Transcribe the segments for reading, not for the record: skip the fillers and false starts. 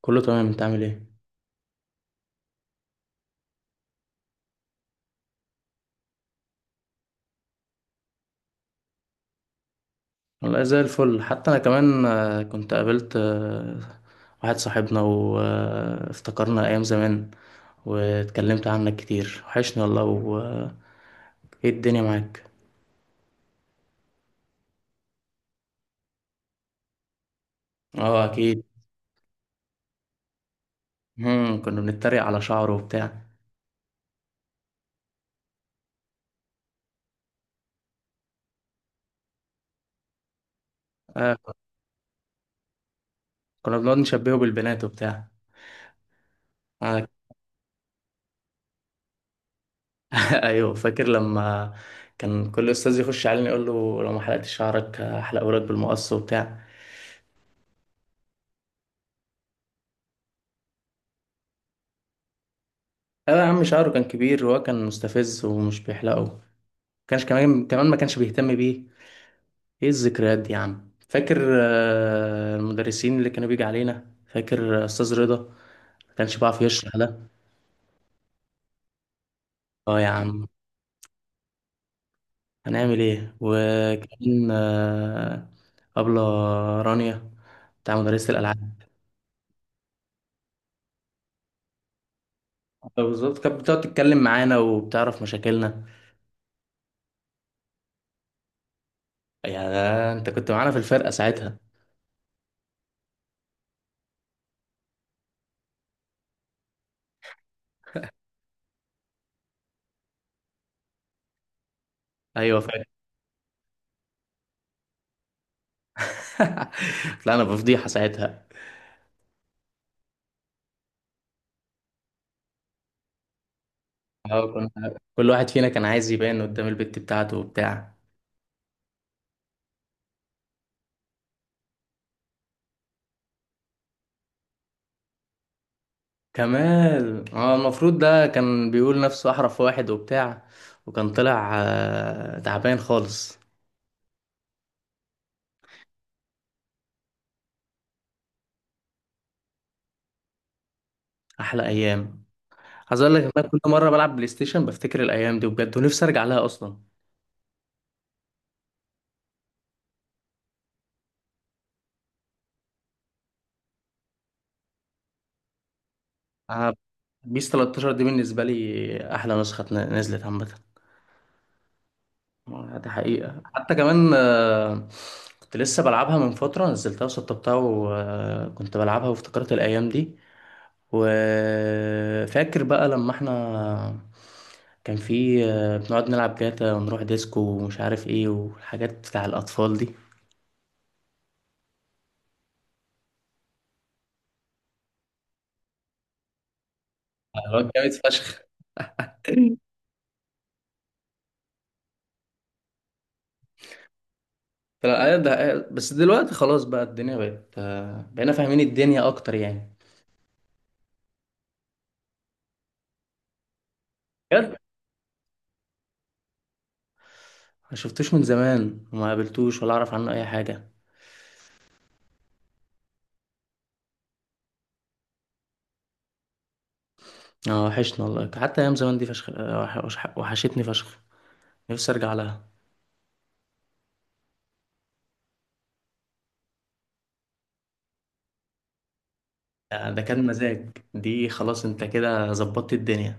كله تمام، انت عامل ايه؟ والله زي الفل، حتى انا كمان كنت قابلت واحد صاحبنا وافتكرنا ايام زمان، واتكلمت عنك كتير، وحشني والله و آه، ايه الدنيا معاك؟ اه اكيد. مم. كنا بنتريق على شعره وبتاع. آه. كنا بنقعد نشبهه بالبنات وبتاع. آه. ايوه، فاكر لما كان كل استاذ يخش علينا يقول له لو ما حلقتش شعرك هحلقه لك بالمقص وبتاع. اه يا عم، شعره كان كبير، وهو كان مستفز ومش بيحلقه، كانش كمان كمان ما كانش بيهتم بيه. ايه الذكريات دي يا عم، فاكر المدرسين اللي كانوا بيجي علينا؟ فاكر استاذ رضا، ما كانش بيعرف يشرح ده؟ اه يا عم. هنعمل ايه؟ وكمان أبلة رانيا، بتاع مدرسة الألعاب. بالظبط، كانت بتقعد تتكلم معانا وبتعرف مشاكلنا. يا ده انت كنت معانا في الفرقة ساعتها. ايوه فاكر. طلعنا بفضيحة ساعتها. اه كنا، كل واحد فينا كان عايز يبان قدام البت بتاعته وبتاع. كمال، اه، المفروض ده كان بيقول نفسه احرف واحد وبتاع، وكان طلع تعبان خالص. احلى ايام. عايز اقول لك ان انا كل مره بلعب بلاي ستيشن بفتكر الايام دي بجد، ونفسي ارجع لها اصلا. انا بيس 13 دي بالنسبه لي احلى نسخه نزلت عامه. دي حقيقه، حتى كمان كنت لسه بلعبها من فتره، نزلتها وسطبتها وكنت بلعبها وافتكرت الايام دي. وفاكر بقى لما احنا كان في بنقعد نلعب جاتا ونروح ديسكو ومش عارف ايه والحاجات بتاع الأطفال دي. الواد جامد فشخ. بس دلوقتي خلاص بقى، الدنيا بقت آه، بقينا فاهمين الدنيا أكتر يعني. بجد. ما شفتوش من زمان وما قابلتوش ولا أعرف عنه أي حاجة. اه وحشنا والله، حتى أيام زمان دي فشخ، وحشتني فشخ، نفسي أرجع لها. ده كان مزاج. دي خلاص أنت كده ظبطت الدنيا.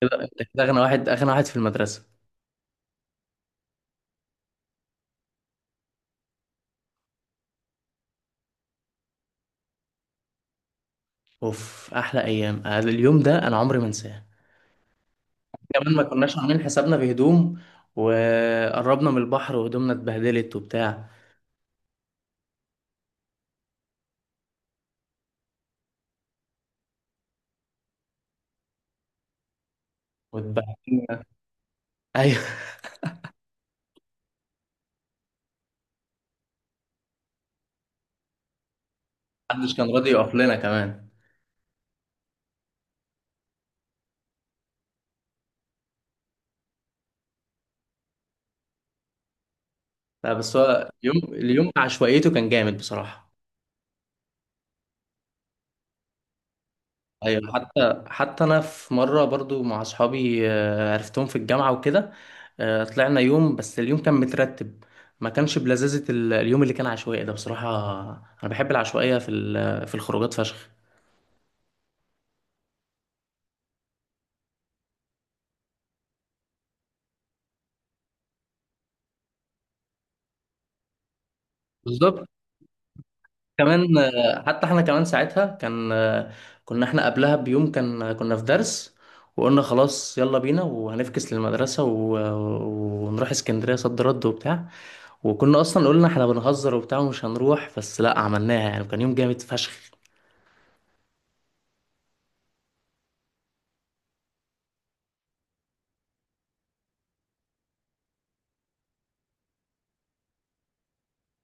كده انت كده اغنى واحد، اغنى واحد في المدرسه. اوف، احلى ايام. اليوم ده انا عمري ما انساه. كمان ما كناش عاملين حسابنا في هدوم، وقربنا من البحر وهدومنا اتبهدلت وبتاع، واتبهدلنا. ايوه. محدش كان راضي يقف لنا كمان. لا بس هو، اليوم عشوائيته كان جامد بصراحه. ايوه، حتى انا في مره برضو مع اصحابي، عرفتهم في الجامعه وكده. طلعنا يوم، بس اليوم كان مترتب، ما كانش بلذاذه اليوم اللي كان عشوائي ده بصراحه. انا بحب العشوائيه في الخروجات فشخ. بالظبط. كمان حتى احنا كمان ساعتها كان كنا احنا قبلها بيوم كان كنا في درس، وقلنا خلاص يلا بينا وهنفكس للمدرسه ونروح اسكندريه، صد رد وبتاع. وكنا اصلا قلنا احنا بنهزر وبتاع ومش هنروح، بس لا عملناها يعني، وكان يوم جامد فشخ.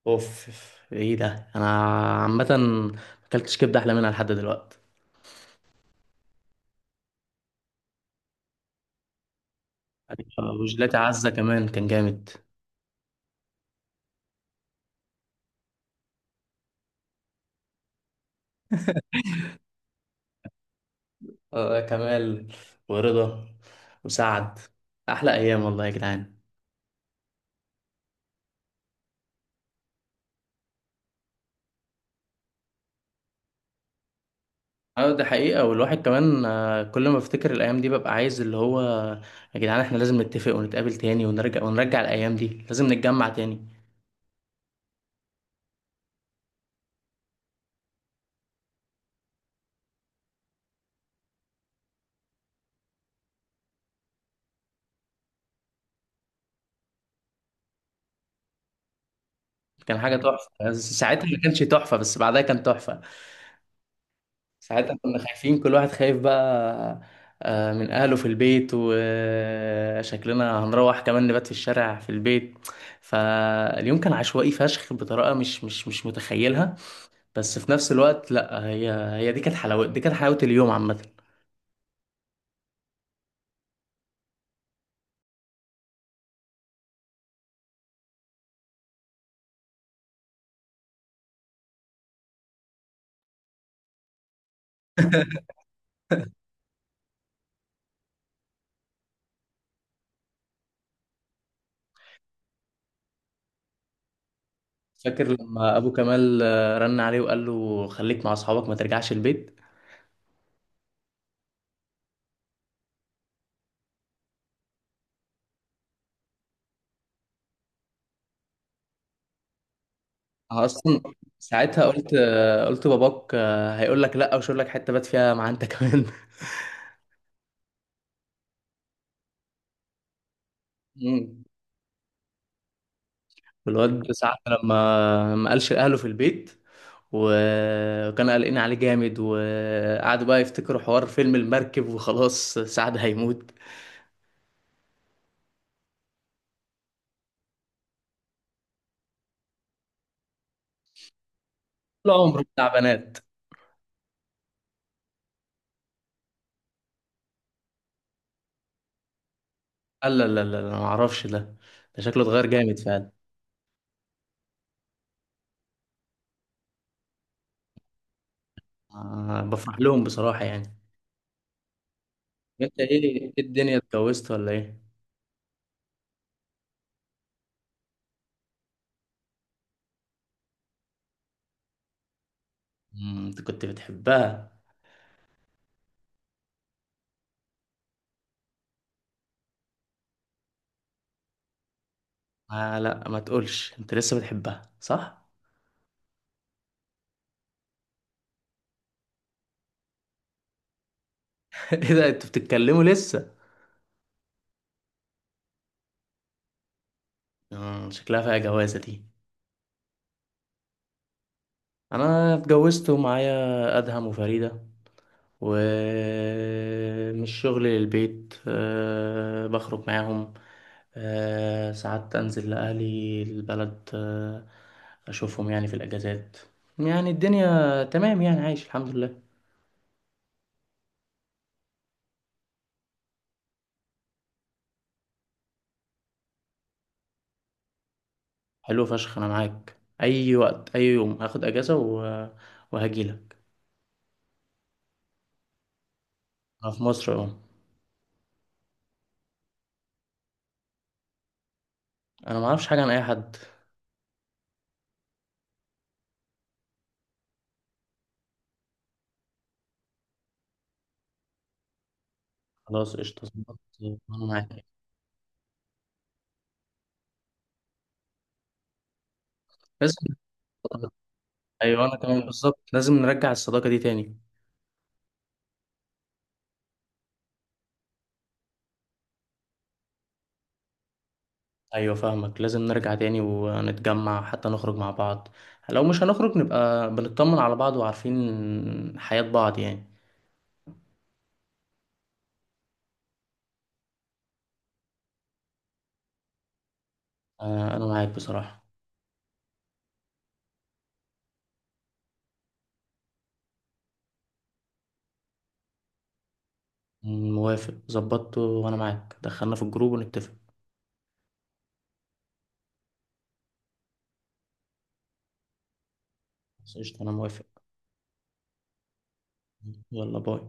اوف أوف، ايه ده! انا عامه ما اكلتش كبده احلى منها لحد دلوقتي. وجلاتي عزه كمان كان جامد. كمال ورضا وسعد، احلى ايام والله يا جدعان. اه ده حقيقة، والواحد كمان كل ما افتكر الايام دي ببقى عايز، اللي هو يا جدعان احنا لازم نتفق ونتقابل تاني، ونرجع ونرجع الايام دي، لازم نتجمع تاني. كان حاجة تحفة، بس ساعتها ما كانش تحفة، بس بعدها كان تحفة. ساعتها كنا خايفين، كل واحد خايف بقى من أهله في البيت، وشكلنا هنروح كمان نبات في الشارع في البيت. فاليوم كان عشوائي فشخ بطريقة مش متخيلها. بس في نفس الوقت لا، هي دي كانت حلاوة اليوم عامة. فاكر لما أبو كمال رن عليه وقال له خليك مع أصحابك ما ترجعش البيت؟ اصلا ساعتها قلت باباك هيقول لك لا وشوف لك حته بات فيها مع انت كمان. مم. والواد ساعة لما ما قالش لأهله في البيت، وكانوا قلقين عليه جامد، وقعدوا بقى يفتكروا حوار فيلم المركب وخلاص سعد هيموت. طول عمره بتاع بنات. قال لا لا لا لا، ما اعرفش ده، ده شكله اتغير جامد فعلا. بفرح لهم بصراحة يعني. انت، إيه الدنيا، اتجوزت ولا ايه؟ مم، انت كنت بتحبها. آه لا، ما تقولش انت لسه بتحبها صح؟ ايه ده، انتوا بتتكلموا لسه؟ مم، شكلها فيها جوازة دي. انا اتجوزت ومعايا ادهم وفريدة، ومش شغل للبيت، أه بخرج معاهم، أه ساعات انزل لاهلي البلد، أه اشوفهم يعني في الاجازات. يعني الدنيا تمام، يعني عايش الحمد لله. حلو فشخ، انا معاك اي وقت، اي يوم هاخد اجازة وهجيلك. انا في مصر اهو. انا ما اعرفش حاجه عن اي حد. خلاص قشطه، ظبط. انا معاك، لازم. ايوه انا كمان بالظبط، لازم نرجع الصداقه دي تاني. ايوه فاهمك، لازم نرجع تاني ونتجمع حتى نخرج مع بعض، لو مش هنخرج نبقى بنطمن على بعض وعارفين حياه بعض يعني. انا معاك بصراحه. موافق ظبطته، وانا معاك، دخلنا في الجروب ونتفق. خلاص، قشطه، انا موافق. يلا باي.